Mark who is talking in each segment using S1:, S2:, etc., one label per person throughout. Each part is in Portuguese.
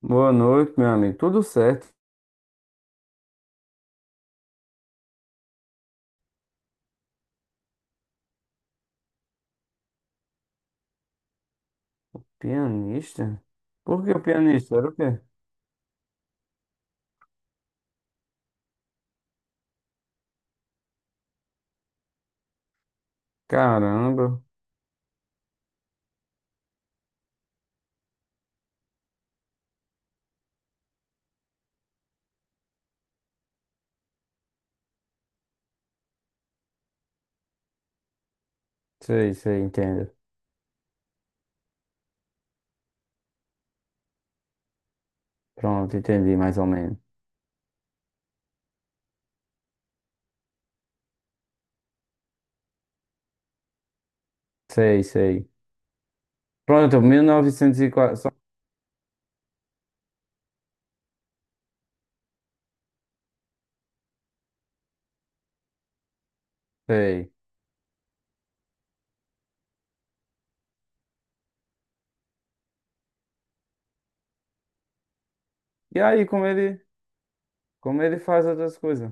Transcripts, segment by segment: S1: Boa noite, meu amigo. Tudo certo? Pianista? Por que o pianista? Era o quê? Caramba. Sei, sei, entendo. Pronto, entendi mais ou menos. Sei, sei. Pronto, 1904. Sei. E aí, como ele faz outras coisas?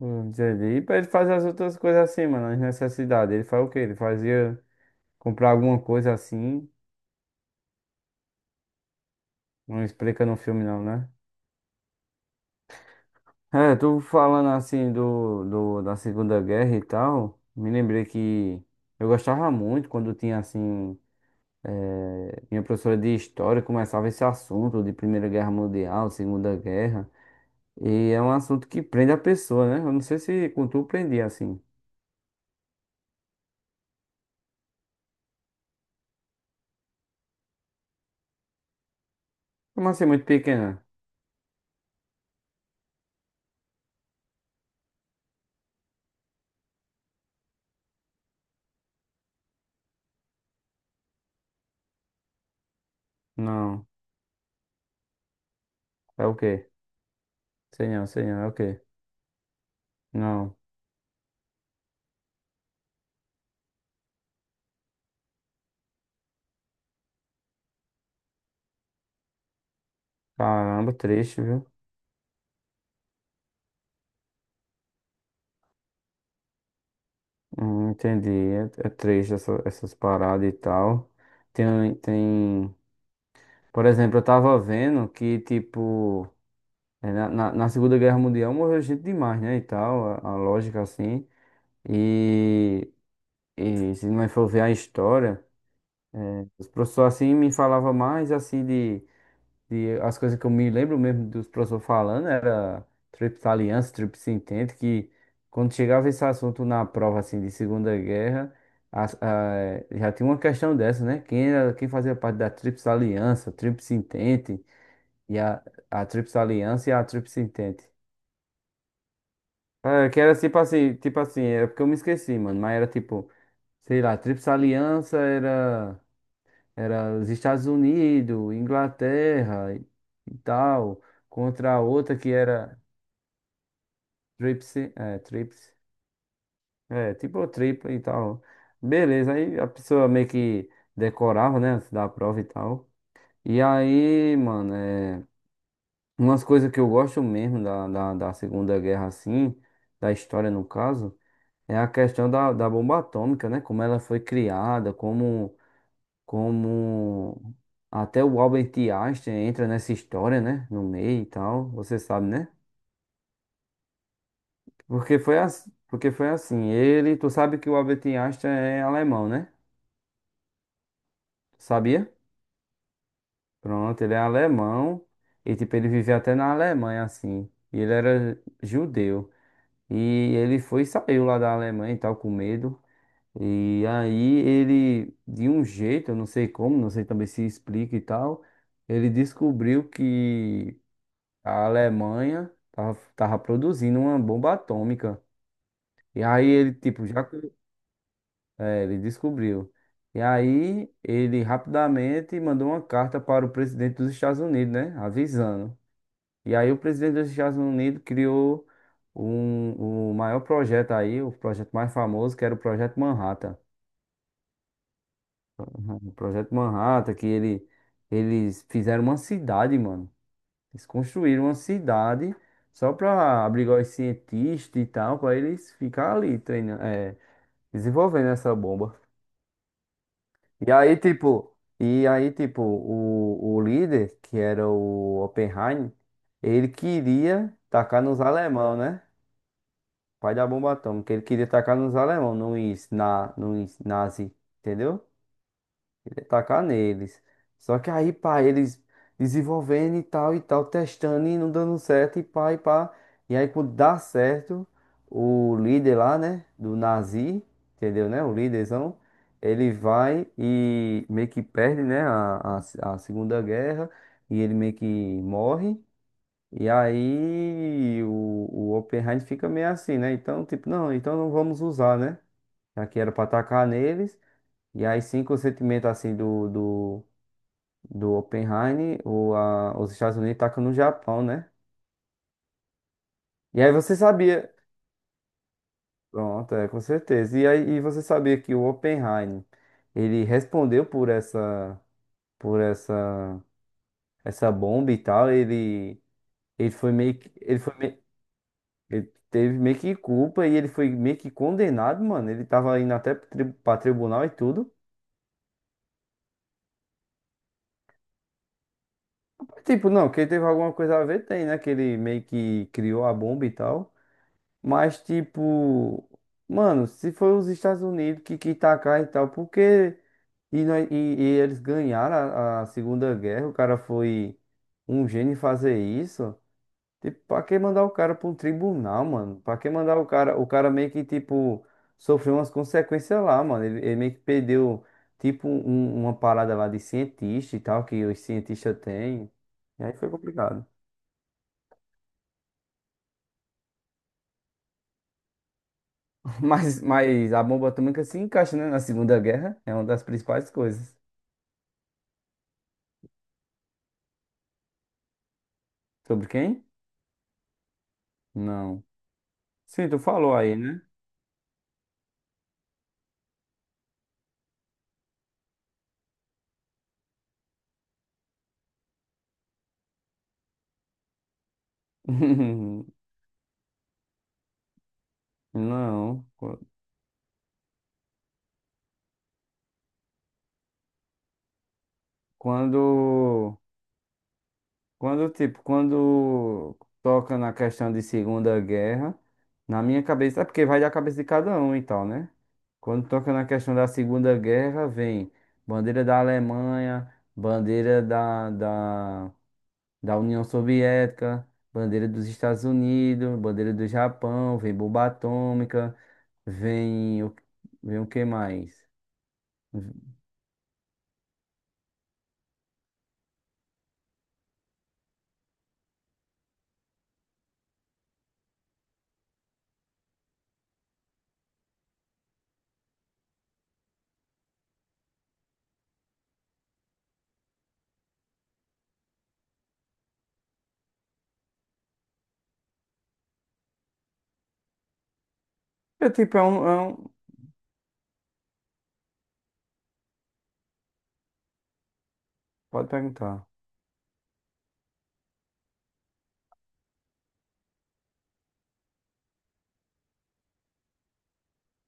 S1: Entendi. E pra ele fazer as outras coisas assim, mano, as necessidades. Ele faz o quê? Ele fazia comprar alguma coisa assim. Não explica no filme, não, né? É, tu falando assim da Segunda Guerra e tal, me lembrei que eu gostava muito quando tinha assim, minha professora de história começava esse assunto de Primeira Guerra Mundial, Segunda Guerra, e é um assunto que prende a pessoa, né? Eu não sei se com tu prendia assim. Como assim, muito pequena? Não, é o quê? Sei não, é o quê? Não, caramba, triste, viu? Entendi, é triste essas paradas e tal. Tem, tem. Por exemplo, eu tava vendo que, tipo, é, na Segunda Guerra Mundial morreu gente demais, né? E tal, a lógica assim. E, e se não for ver a história, os professores assim me falavam mais assim de as coisas que eu me lembro mesmo dos professores falando, era Tríplice Aliança, Tríplice Entente, que quando chegava esse assunto na prova assim de Segunda Guerra, já tinha uma questão dessa, né? Quem era, quem fazia parte da Tríplice Aliança, Tríplice Entente. E a Tríplice Aliança e a Tríplice Entente. Ah, que era tipo assim, é porque eu me esqueci, mano. Mas era tipo, sei lá, Tríplice Aliança era, era os Estados Unidos, Inglaterra e tal, contra a outra que era Tríplice, é, tipo tripla e tal. Beleza, aí a pessoa meio que decorava, né, antes da prova e tal. E aí, mano, é. Umas coisas que eu gosto mesmo da Segunda Guerra, assim, da história no caso, é a questão da bomba atômica, né? Como ela foi criada, como até o Albert Einstein entra nessa história, né? No meio e tal, você sabe, né? Porque foi assim, ele, tu sabe que o Albert Einstein é alemão, né? Sabia? Pronto, ele é alemão e, tipo, ele vivia até na Alemanha, assim, e ele era judeu. E ele foi e saiu lá da Alemanha e tal, com medo. E aí ele, de um jeito, eu não sei como, não sei também se explica e tal, ele descobriu que a Alemanha tava produzindo uma bomba atômica. E aí ele, tipo, já. É, ele descobriu. E aí ele rapidamente mandou uma carta para o presidente dos Estados Unidos, né? Avisando. E aí o presidente dos Estados Unidos criou o maior projeto aí, o projeto mais famoso, que era o Projeto Manhattan. Uhum. O Projeto Manhattan, que eles fizeram uma cidade, mano. Eles construíram uma cidade só para abrigar os cientistas e tal, para eles ficar ali treinando, desenvolvendo essa bomba. E aí, tipo, o líder, que era o Oppenheimer, ele queria tacar nos alemão, né? Pai da bomba atômica. Ele queria tacar nos alemão, nos nazi, entendeu? Ele ia tacar neles. Só que aí, pá, eles desenvolvendo e tal, testando e não dando certo, e pá, e pá. E aí, quando dá certo, o líder lá, né, do nazi, entendeu, né? O líderzão, ele vai e meio que perde, né, a Segunda Guerra, e ele meio que morre. E aí o Oppenheim fica meio assim, né? Então, tipo, não, então não vamos usar, né? Já que era pra atacar neles. E aí sim, com o sentimento assim do Oppenheim, os Estados Unidos tacam no Japão, né? E aí você sabia. Pronto, é, com certeza. E aí e você sabia que o Oppenheim, ele respondeu por essa, essa bomba e tal. Ele foi meio, que- ele foi meio Ele teve meio que culpa e ele foi meio que condenado, mano. Ele tava indo até pra tribunal e tudo. Tipo, não, que ele teve alguma coisa a ver, tem, né? Que ele meio que criou a bomba e tal. Mas, tipo, mano, se foi os Estados Unidos que quis tacar e tal, porque. E eles ganharam a Segunda Guerra, o cara foi um gênio em fazer isso. Tipo, pra que mandar o cara pra um tribunal, mano? Pra que mandar o cara? O cara meio que, tipo, sofreu umas consequências lá, mano. Ele meio que perdeu, tipo, uma parada lá de cientista e tal, que os cientistas têm. E aí foi complicado. Mas a bomba atômica se encaixa, né, na Segunda Guerra. É uma das principais coisas. Sobre quem? Não. Sim, tu falou aí, né? Não. Quando. Quando, tipo, quando toca na questão de Segunda Guerra, na minha cabeça, é porque vai da cabeça de cada um e tal, né? Quando toca na questão da Segunda Guerra, vem bandeira da Alemanha, bandeira da União Soviética, bandeira dos Estados Unidos, bandeira do Japão, vem bomba atômica, vem o, vem o que mais? É tipo, é um... Pode perguntar.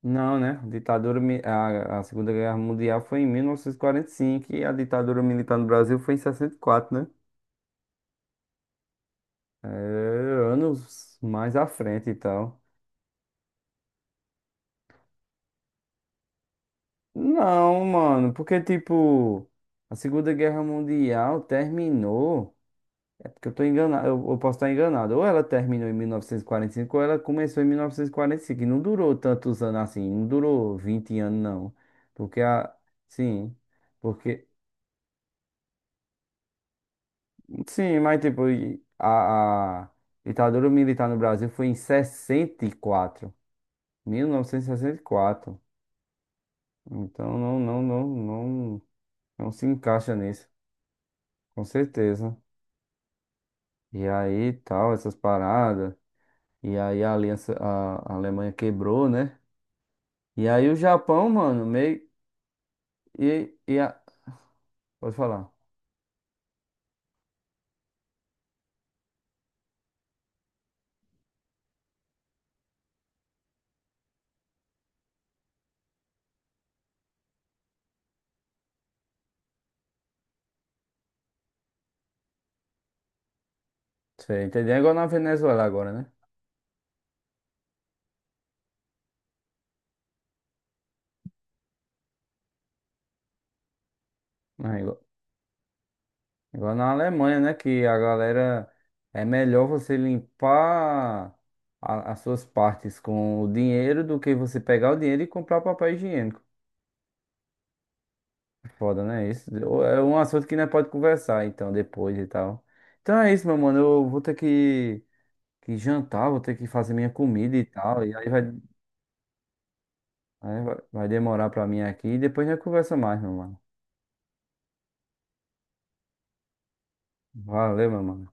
S1: Não, né? A Segunda Guerra Mundial foi em mil novecentos e quarenta e cinco e a ditadura militar no Brasil foi em 64, né? É, anos mais à frente e tal. Não, mano, porque tipo, a Segunda Guerra Mundial terminou. É porque eu tô enganado, eu posso estar enganado. Ou ela terminou em 1945 ou ela começou em mil novecentos e quarenta e cinco e não durou tantos anos assim, não durou 20 anos, não. Porque a. Sim. Porque. Sim, mas tipo, a ditadura militar no Brasil foi em sessenta e quatro, 1964. Então não, não, não, não, não se encaixa nisso, com certeza. E aí tal, essas paradas. E aí a aliança, a Alemanha quebrou, né? E aí o Japão, mano, meio. E a, pode falar. Você entendeu? É igual na Venezuela agora, né? Igual na Alemanha, né? Que a galera é melhor você limpar as suas partes com o dinheiro do que você pegar o dinheiro e comprar papel higiênico. É foda, né? Isso é um assunto que nós pode conversar então depois e tal. Então é isso, meu mano. Eu vou ter que jantar, vou ter que fazer minha comida e tal. E aí vai demorar pra mim aqui. E depois a gente conversa mais, meu mano. Valeu, meu mano.